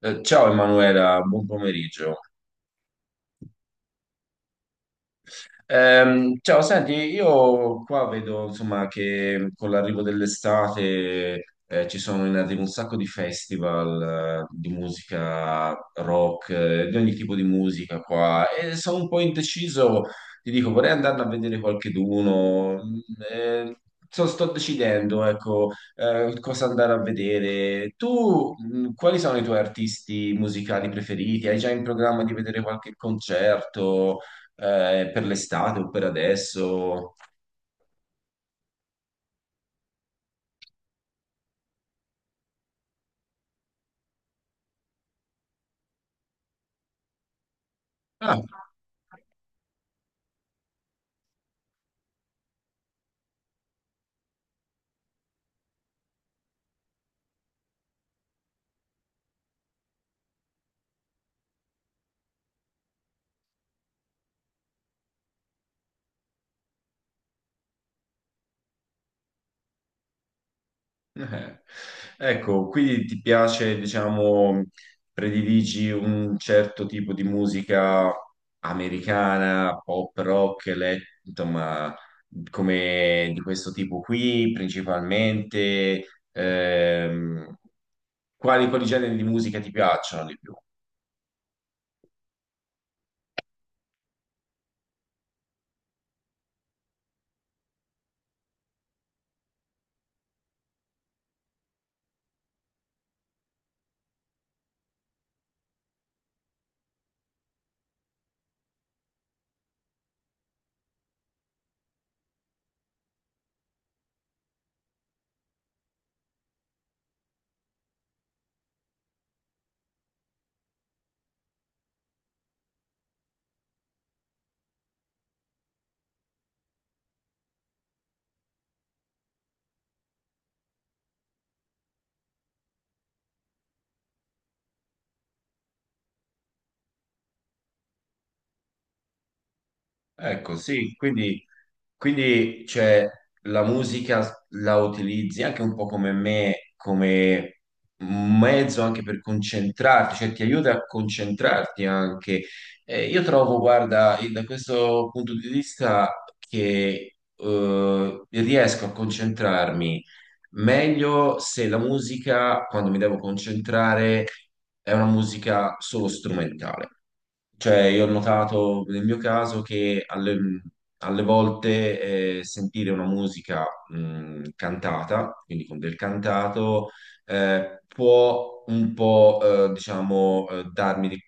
Ciao Emanuela, buon pomeriggio. Ciao, senti, io qua vedo insomma che con l'arrivo dell'estate ci sono in arrivo un sacco di festival di musica rock, di ogni tipo di musica qua e sono un po' indeciso, ti dico, vorrei andarne a vedere qualcheduno. Eh, sto decidendo, ecco, cosa andare a vedere. Tu, quali sono i tuoi artisti musicali preferiti? Hai già in programma di vedere qualche concerto? Per l'estate o per adesso? Ah, eh. Ecco, quindi ti piace, diciamo, prediligi un certo tipo di musica americana, pop, rock, insomma, come di questo tipo qui, principalmente. Ehm, quali generi di musica ti piacciono di più? Ecco, sì, quindi cioè, la musica la utilizzi anche un po' come me, come un mezzo anche per concentrarti, cioè ti aiuta a concentrarti anche. Io trovo, guarda, da questo punto di vista che riesco a concentrarmi meglio se la musica, quando mi devo concentrare, è una musica solo strumentale. Cioè, io ho notato nel mio caso che alle volte sentire una musica cantata, quindi con del cantato, può un po', diciamo, eh, darmi di-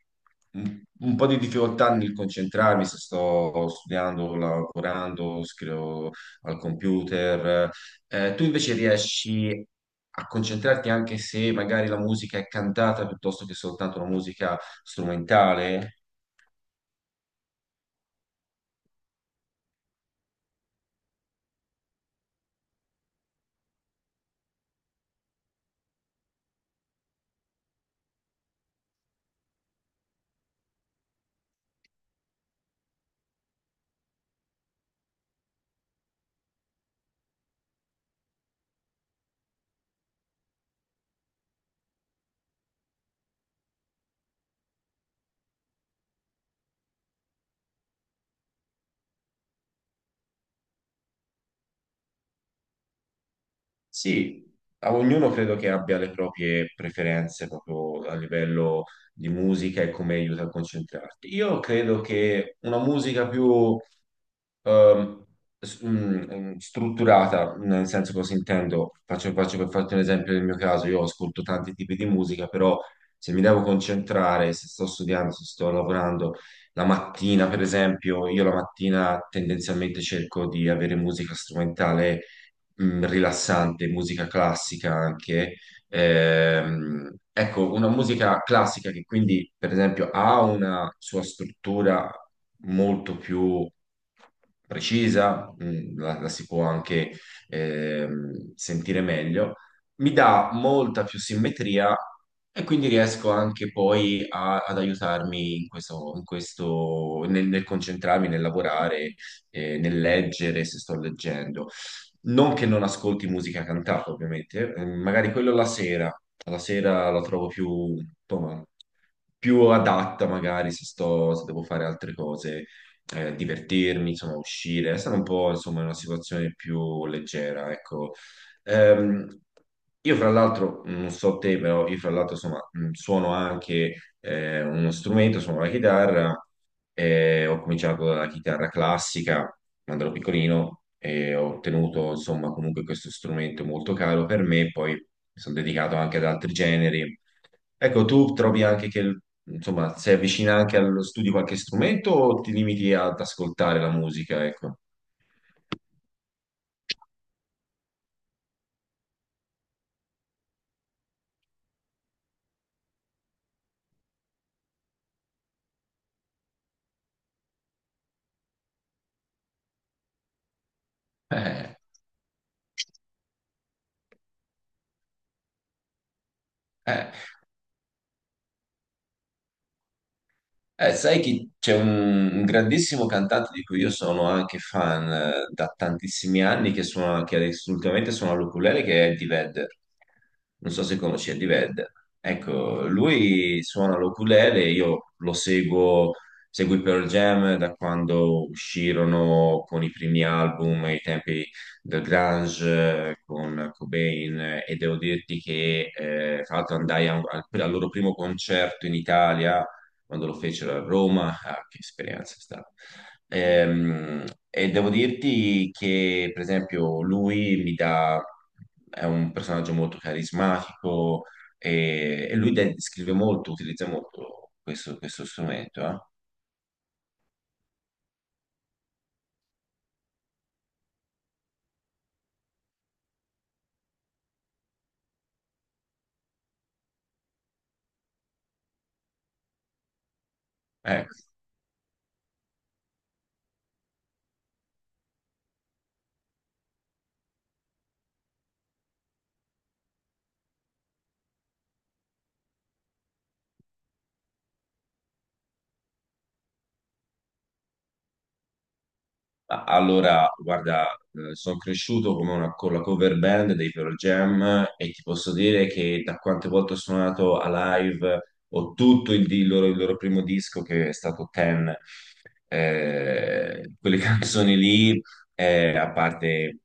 un, un po' di difficoltà nel concentrarmi se sto studiando, lavorando, scrivo al computer. Tu invece riesci a concentrarti anche se magari la musica è cantata piuttosto che soltanto una musica strumentale? Sì, a ognuno credo che abbia le proprie preferenze proprio a livello di musica e come aiuta a concentrarti. Io credo che una musica più ehm, strutturata, nel senso cosa intendo, faccio per farti un esempio del mio caso, io ascolto tanti tipi di musica, però se mi devo concentrare, se sto studiando, se sto lavorando, la mattina per esempio, io la mattina tendenzialmente cerco di avere musica strumentale, rilassante, musica classica anche. Ecco, una musica classica che quindi, per esempio, ha una sua struttura molto più precisa, la si può anche sentire meglio, mi dà molta più simmetria e quindi riesco anche poi ad aiutarmi in questo, nel concentrarmi, nel lavorare, nel leggere se sto leggendo. Non che non ascolti musica cantata, ovviamente, magari quello la sera, la sera la trovo più, insomma, più adatta magari se sto, se devo fare altre cose, divertirmi, insomma, uscire, stare un po', insomma, in una situazione più leggera, ecco. Ehm, io fra l'altro, non so te, però io fra l'altro, insomma, suono anche uno strumento, suono la chitarra, ho cominciato dalla chitarra classica, quando ero piccolino e ho ottenuto insomma comunque questo strumento molto caro per me, poi mi sono dedicato anche ad altri generi. Ecco, tu trovi anche che insomma sei avvicina anche allo studio qualche strumento o ti limiti ad ascoltare la musica, ecco? Eh, eh, sai che c'è un grandissimo cantante di cui io sono anche fan da tantissimi anni, che adesso ultimamente suona l'ukulele, che è Eddie Vedder. Non so se conosci Eddie Vedder. Ecco, lui suona l'ukulele, io lo seguo, seguo i Pearl Jam da quando uscirono con i primi album, ai tempi del grunge, con Cobain, e devo dirti che tra l'altro andai a un- al al loro primo concerto in Italia quando lo fecero a Roma, ah, che esperienza è stata. Ehm, e devo dirti che, per esempio, lui mi dà, è un personaggio molto carismatico e lui scrive molto, utilizza molto questo strumento. Ecco. Ah, allora, guarda, sono cresciuto con la cover band dei Pearl Jam e ti posso dire che da quante volte ho suonato a live ho tutto il loro primo disco che è stato Ten. Quelle canzoni lì, a parte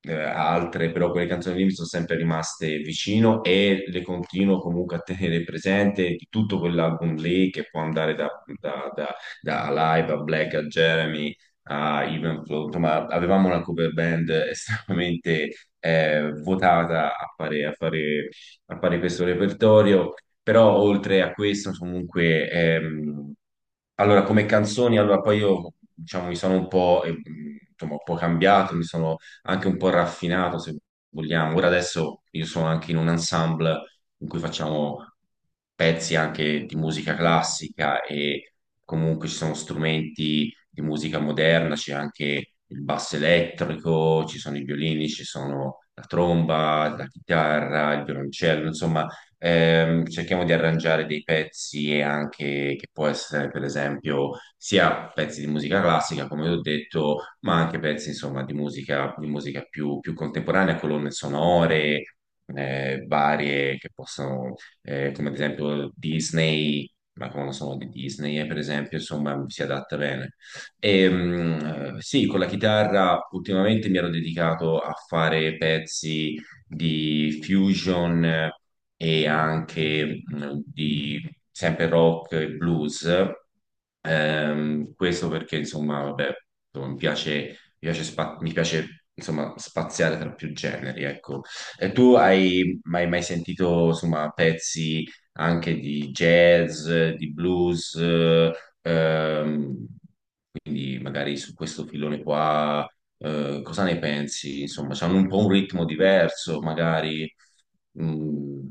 altre, però quelle canzoni lì mi sono sempre rimaste vicino e le continuo comunque a tenere presente di tutto quell'album lì che può andare da, da, da- da Alive a Black a Jeremy a Evenflow, insomma, avevamo una cover band estremamente votata a fare questo repertorio, però oltre a questo, comunque, allora, come canzoni, allora poi io, diciamo, mi sono un po', insomma, un po' cambiato, mi sono anche un po' raffinato, se vogliamo. Ora adesso io sono anche in un ensemble in cui facciamo pezzi anche di musica classica e comunque ci sono strumenti di musica moderna, c'è anche il basso elettrico, ci sono i violini, ci sono la tromba, la chitarra, il violoncello, insomma, cerchiamo di arrangiare dei pezzi e anche che può essere, per esempio, sia pezzi di musica classica, come ho detto, ma anche pezzi, insomma, di musica più, più contemporanea, colonne sonore. Varie che possono, come ad esempio Disney, ma come sono di Disney, per esempio, insomma, si adatta bene. E, sì, con la chitarra ultimamente mi ero dedicato a fare pezzi di fusion e anche di sempre rock e blues. Questo perché, insomma, vabbè, insomma, mi piace, insomma, spaziare tra più generi, ecco. E tu hai mai sentito, insomma, pezzi anche di jazz, di blues? Ehm, quindi magari su questo filone qua, cosa ne pensi? Insomma, c'hanno un po' un ritmo diverso, magari. Mm,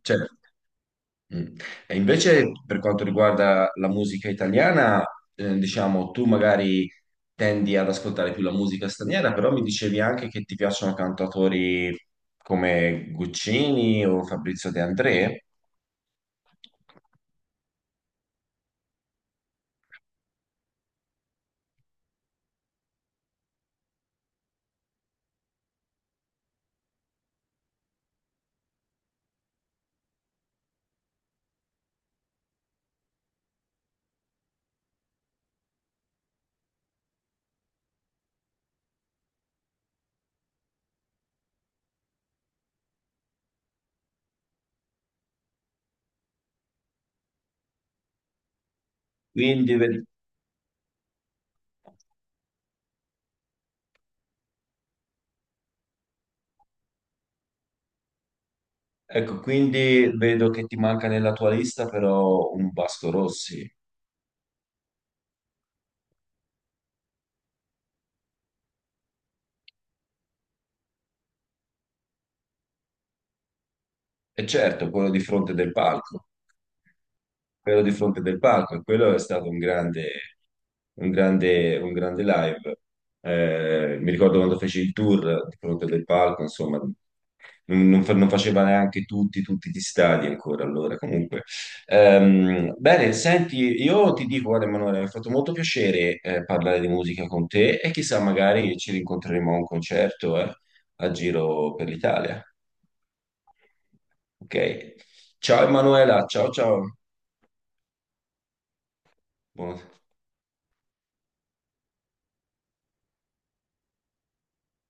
certo. Mm. E invece per quanto riguarda la musica italiana, diciamo, tu magari tendi ad ascoltare più la musica straniera, però mi dicevi anche che ti piacciono cantatori come Guccini o Fabrizio De André. quindi, ve- ecco, quindi vedo che ti manca nella tua lista però un Vasco Rossi. E certo, quello di fronte del palco, quello di fronte del palco, e quello è stato un grande live. Mi ricordo quando feci il tour di fronte del palco, insomma, non faceva neanche tutti gli stadi ancora allora. Comunque, bene, senti, io ti dico, guarda, Emanuele, mi ha fatto molto piacere parlare di musica con te e chissà, magari ci rincontreremo a un concerto a giro per l'Italia. Ok. Ciao Emanuela, ciao ciao. Buona-